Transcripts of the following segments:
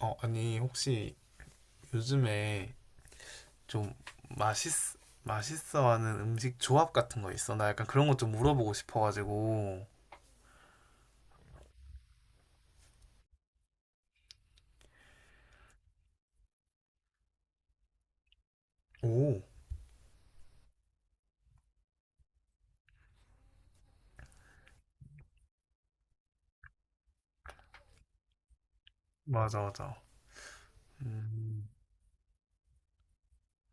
어, 아니, 혹시 요즘에 좀 맛있, 맛있어하는 음식 조합 같은 거 있어? 나 약간 그런 것 좀 물어보고 싶어가지고. 오, 맞아, 맞아. 음,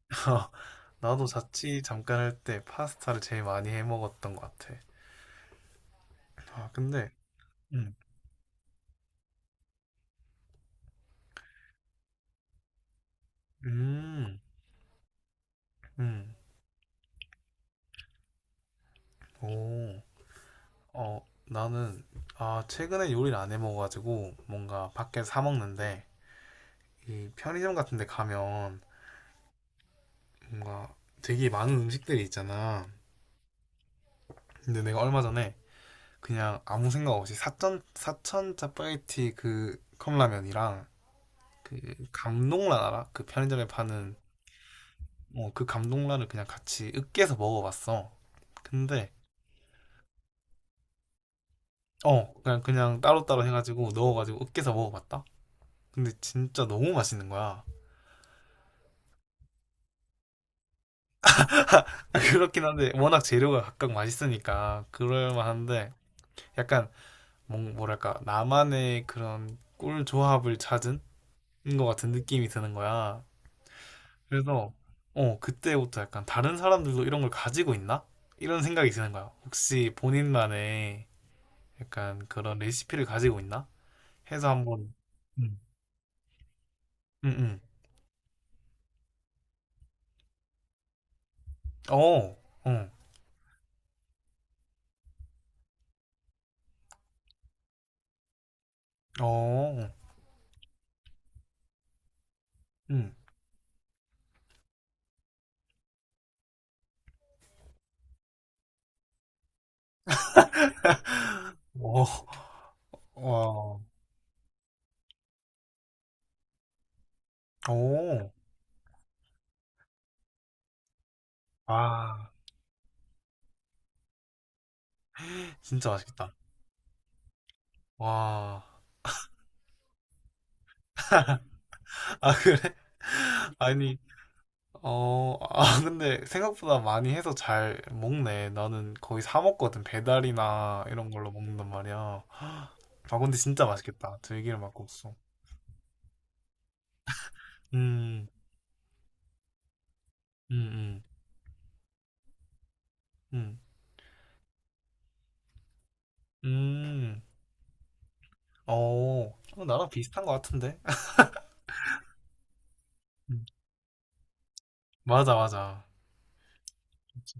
나도 자취 잠깐 할 때 파스타를 제일 많이 해 먹었던 것 같아. 아, 근데, 음, 음, 음, 오, 어, 나는, 아, 최근에 요리를 안 해 먹어가지고, 뭔가 밖에서 사 먹는데, 이 편의점 같은 데 가면, 뭔가 되게 많은 음식들이 있잖아. 근데 내가 얼마 전에 그냥 아무 생각 없이 사천 짜파게티 그 컵라면이랑 그 감동란 알아? 그 편의점에 파는. 어, 그 감동란을 그냥 같이 으깨서 먹어봤어. 근데 어 그냥 따로따로 해가지고 넣어가지고 으깨서 먹어봤다. 근데 진짜 너무 맛있는 거야. 그렇긴 한데 워낙 재료가 각각 맛있으니까 그럴만한데 약간 뭐랄까 나만의 그런 꿀 조합을 찾은 것 같은 느낌이 드는 거야. 그래서 어, 그때부터 약간 다른 사람들도 이런 걸 가지고 있나? 이런 생각이 드는 거야. 혹시 본인만의 약간 그런 레시피를 가지고 있나? 해서 한번. 음, 음, 음. 어, 응, 어, 응, 어, 와, 어, 아, 진짜 맛있겠다. 와, 아, 그래? 아니, 어, 아, 근데 생각보다 많이 해서 잘 먹네. 나는 거의 사 먹거든. 배달이나 이런 걸로 먹는단 말이야. 아, 근데 진짜 맛있겠다. 들기름 막국수. 음, 음, 음, 음, 음. 어, 이거 나랑 비슷한 것 같은데? 음, 맞아, 맞아. 그치,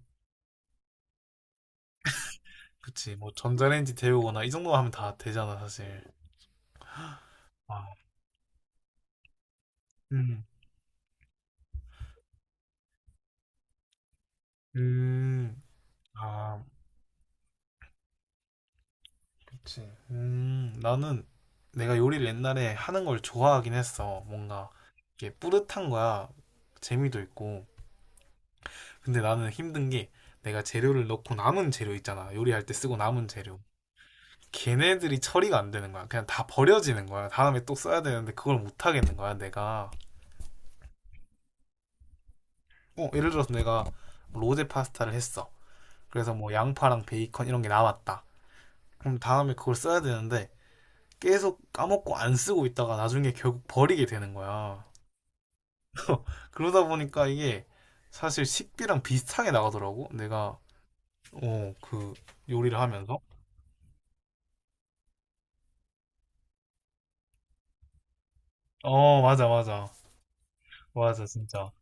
그치. 뭐 전자레인지 데우거나 이 정도만 하면 다 되잖아, 사실. 아, 음, 음. 아, 그치. 나는 내가 요리를 옛날에 하는 걸 좋아하긴 했어. 뭔가 이게 뿌듯한 거야. 재미도 있고. 근데 나는 힘든 게 내가 재료를 넣고 남은 재료 있잖아. 요리할 때 쓰고 남은 재료. 걔네들이 처리가 안 되는 거야. 그냥 다 버려지는 거야. 다음에 또 써야 되는데 그걸 못 하겠는 거야, 내가. 어, 예를 들어서 내가 뭐 로제 파스타를 했어. 그래서 뭐 양파랑 베이컨 이런 게 남았다. 그럼 다음에 그걸 써야 되는데 계속 까먹고 안 쓰고 있다가 나중에 결국 버리게 되는 거야. 그러다 보니까 이게 사실 식비랑 비슷하게 나가더라고. 내가 어, 그 요리를 하면서. 어, 맞아, 맞아. 맞아, 진짜.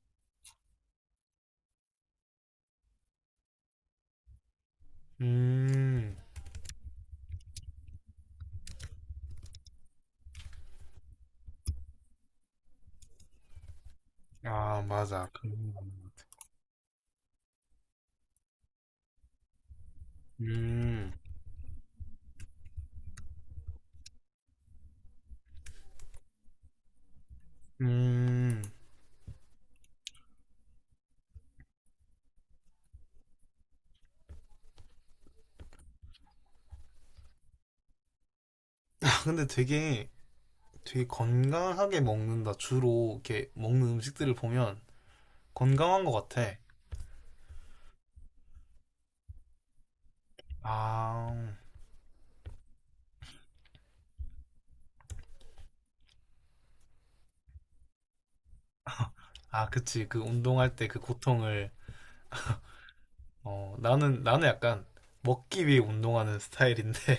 음. 아, 맞아. 음. 음. 아, 근데 되게 건강하게 먹는다. 주로 이렇게 먹는 음식들을 보면 건강한 것 같아. 아. 아, 그치. 그 운동할 때 그 고통을. 어, 나는 약간 먹기 위해 운동하는 스타일인데.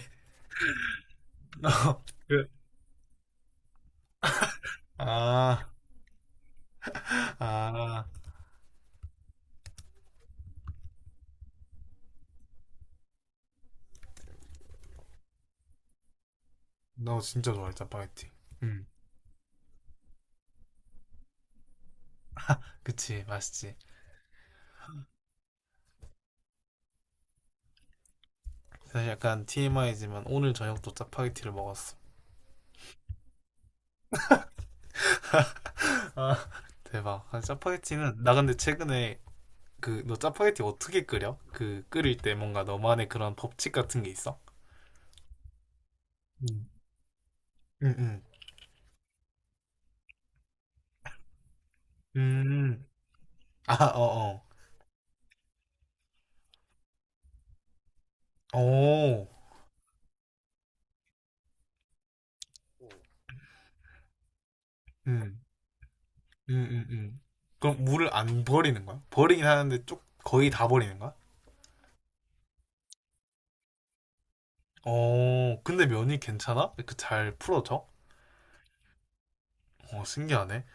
아, 아, 너 진짜 좋아해, 짜파게티. 음, 그치, 맛있지. 사실 약간 TMI지만 오늘 저녁도 짜파게티를 먹었어. 아, 대박. 아, 짜파게티는, 나 근데 최근에 그, 너 짜파게티 어떻게 끓여? 그, 끓일 때 뭔가 너만의 그런 법칙 같은 게 있어? 음, 음, 음. 음. 아, 어, 어. 오, 음, 음, 음, 음. 그럼 물을 안 버리는 거야? 버리긴 하는데 쪽 거의 다 버리는 거야? 어, 근데 면이 괜찮아? 그 잘 풀어져? 어 신기하네.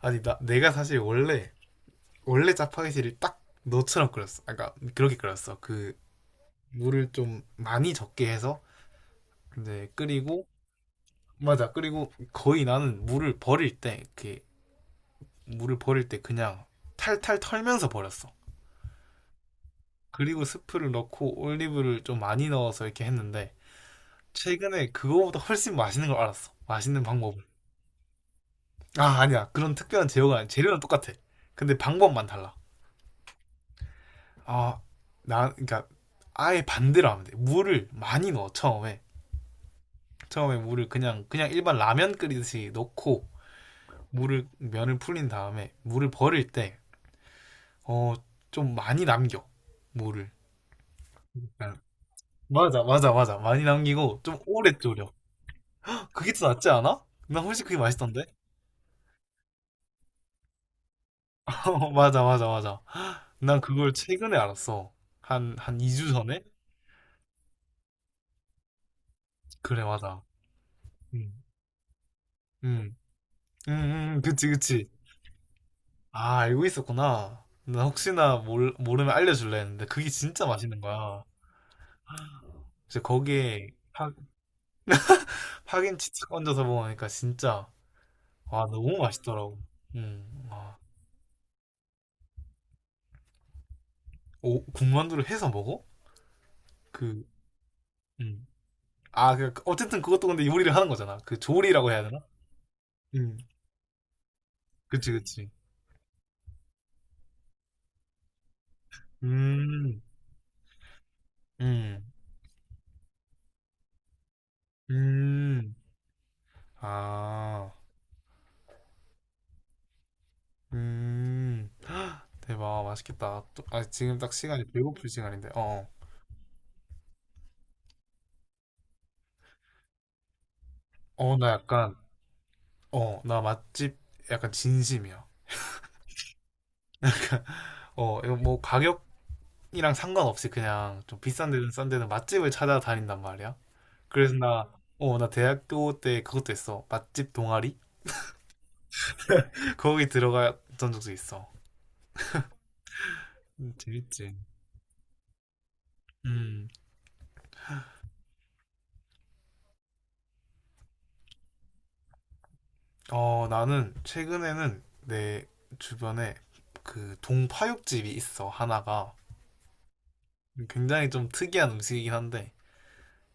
아니 나 내가 사실 원래 짜파게티를 딱 너처럼 끓였어. 아까 그렇게 끓였어. 그 물을 좀 많이 적게 해서 이제 끓이고 맞아. 그리고 거의 나는 물을 버릴 때 그냥 탈탈 털면서 버렸어. 그리고 스프를 넣고 올리브를 좀 많이 넣어서 이렇게 했는데 최근에 그거보다 훨씬 맛있는 걸 알았어. 맛있는 방법을. 아 아니야 그런 특별한 재료가 아니야. 재료는 똑같아. 근데 방법만 달라. 아, 나 그러니까 아예 반대로 하면 돼. 물을 많이 넣어 처음에. 처음에 물을 그냥 일반 라면 끓이듯이 넣고 물을 면을 풀린 다음에 물을 버릴 때 어, 좀 많이 남겨. 물을. 응. 맞아. 많이 남기고 좀 오래 졸여. 그게 더 낫지 않아? 난 훨씬 그게 맛있던데. 어, 맞아. 난 그걸 최근에 알았어. 한 2주 전에? 그래, 맞아. 음. 음. 음, 그치, 그치. 아, 알고 있었구나. 나 혹시나 모르면 알려줄래 했는데 그게 진짜 맛있는 거야. 그래서 거기에 파김치 착 얹어서 먹으니까 진짜 와 너무 맛있더라고. 와. 오, 군만두를 해서 먹어? 그, 음. 아, 그, 어쨌든 그것도 근데 요리를 하는 거잖아. 그 조리라고 해야 되나? 음, 그치, 그치. 음, 음, 음. 아. 헉, 대박, 맛있겠다. 또, 아, 지금 딱 시간이 배고플 시간인데. 어, 어, 나 약간 어, 나 맛집 약간 진심이야. 어, 이거 뭐 가격이랑 상관없이 그냥 좀 비싼 데든 싼 데든 맛집을 찾아다닌단 말이야. 그래서 나, 어, 나 대학교 때 그것도 했어. 맛집 동아리? 거기 들어갔던 적도 있어. 재밌지. 음, 어, 나는 최근에는 내 주변에 그 동파육집이 있어, 하나가. 굉장히 좀 특이한 음식이긴 한데,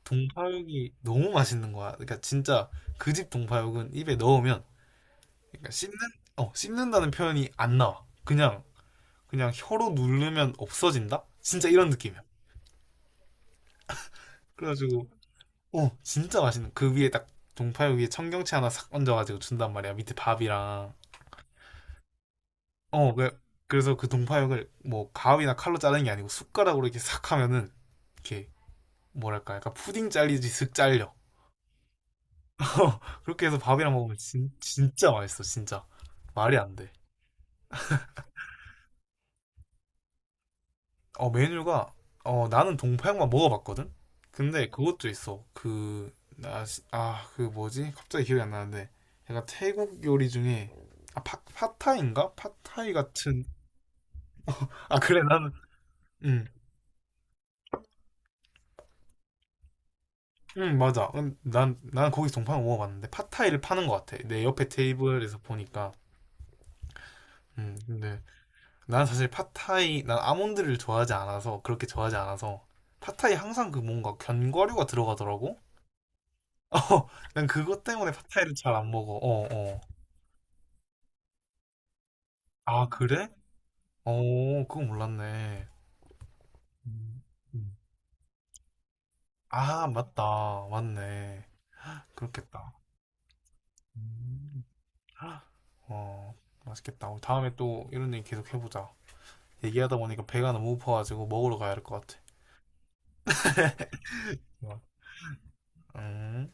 동파육이 너무 맛있는 거야. 그러니까 진짜 그 집 동파육은 입에 넣으면 그러니까 씹는 어 씹는다는 표현이 안 나와. 그냥 혀로 누르면 없어진다. 진짜 이런 느낌이야. 그래가지고 어 진짜 맛있는 그 위에 딱 동파육 위에 청경채 하나 싹 얹어가지고 준단 말이야. 밑에 밥이랑 어 그, 그래서 그 동파육을 뭐 가위나 칼로 자르는 게 아니고 숟가락으로 이렇게 싹 하면은 이렇게 뭐랄까 약간 푸딩 잘리듯이 슥 잘려. 그렇게 해서 밥이랑 먹으면 진짜 맛있어 진짜 말이 안 돼. 어, 메뉴가, 어, 나는 동파육만 먹어봤거든? 근데 그것도 있어. 그, 나, 아, 그 뭐지? 갑자기 기억이 안 나는데. 약간 태국 요리 중에, 아, 팟타이인가? 팟타이 같은. 아, 그래, 나는, 응, 응, 맞아. 난 거기서 동파육 먹어봤는데, 팟타이를 파는 것 같아. 내 옆에 테이블에서 보니까. 근데, 난 사실 팟타이, 난 아몬드를 좋아하지 않아서, 그렇게 좋아하지 않아서, 팟타이 항상 그 뭔가 견과류가 들어가더라고? 어, 난 그것 때문에 팟타이를 잘 안 먹어. 어, 어. 아, 그래? 어, 그거 몰랐네. 음, 음. 아, 맞다. 맞네. 그렇겠다. 음. 헉, 어, 맛있겠다. 우리 다음에 또 이런 얘기 계속 해보자. 얘기하다 보니까 배가 너무 고파가지고 먹으러 가야 할 것 같아. 음.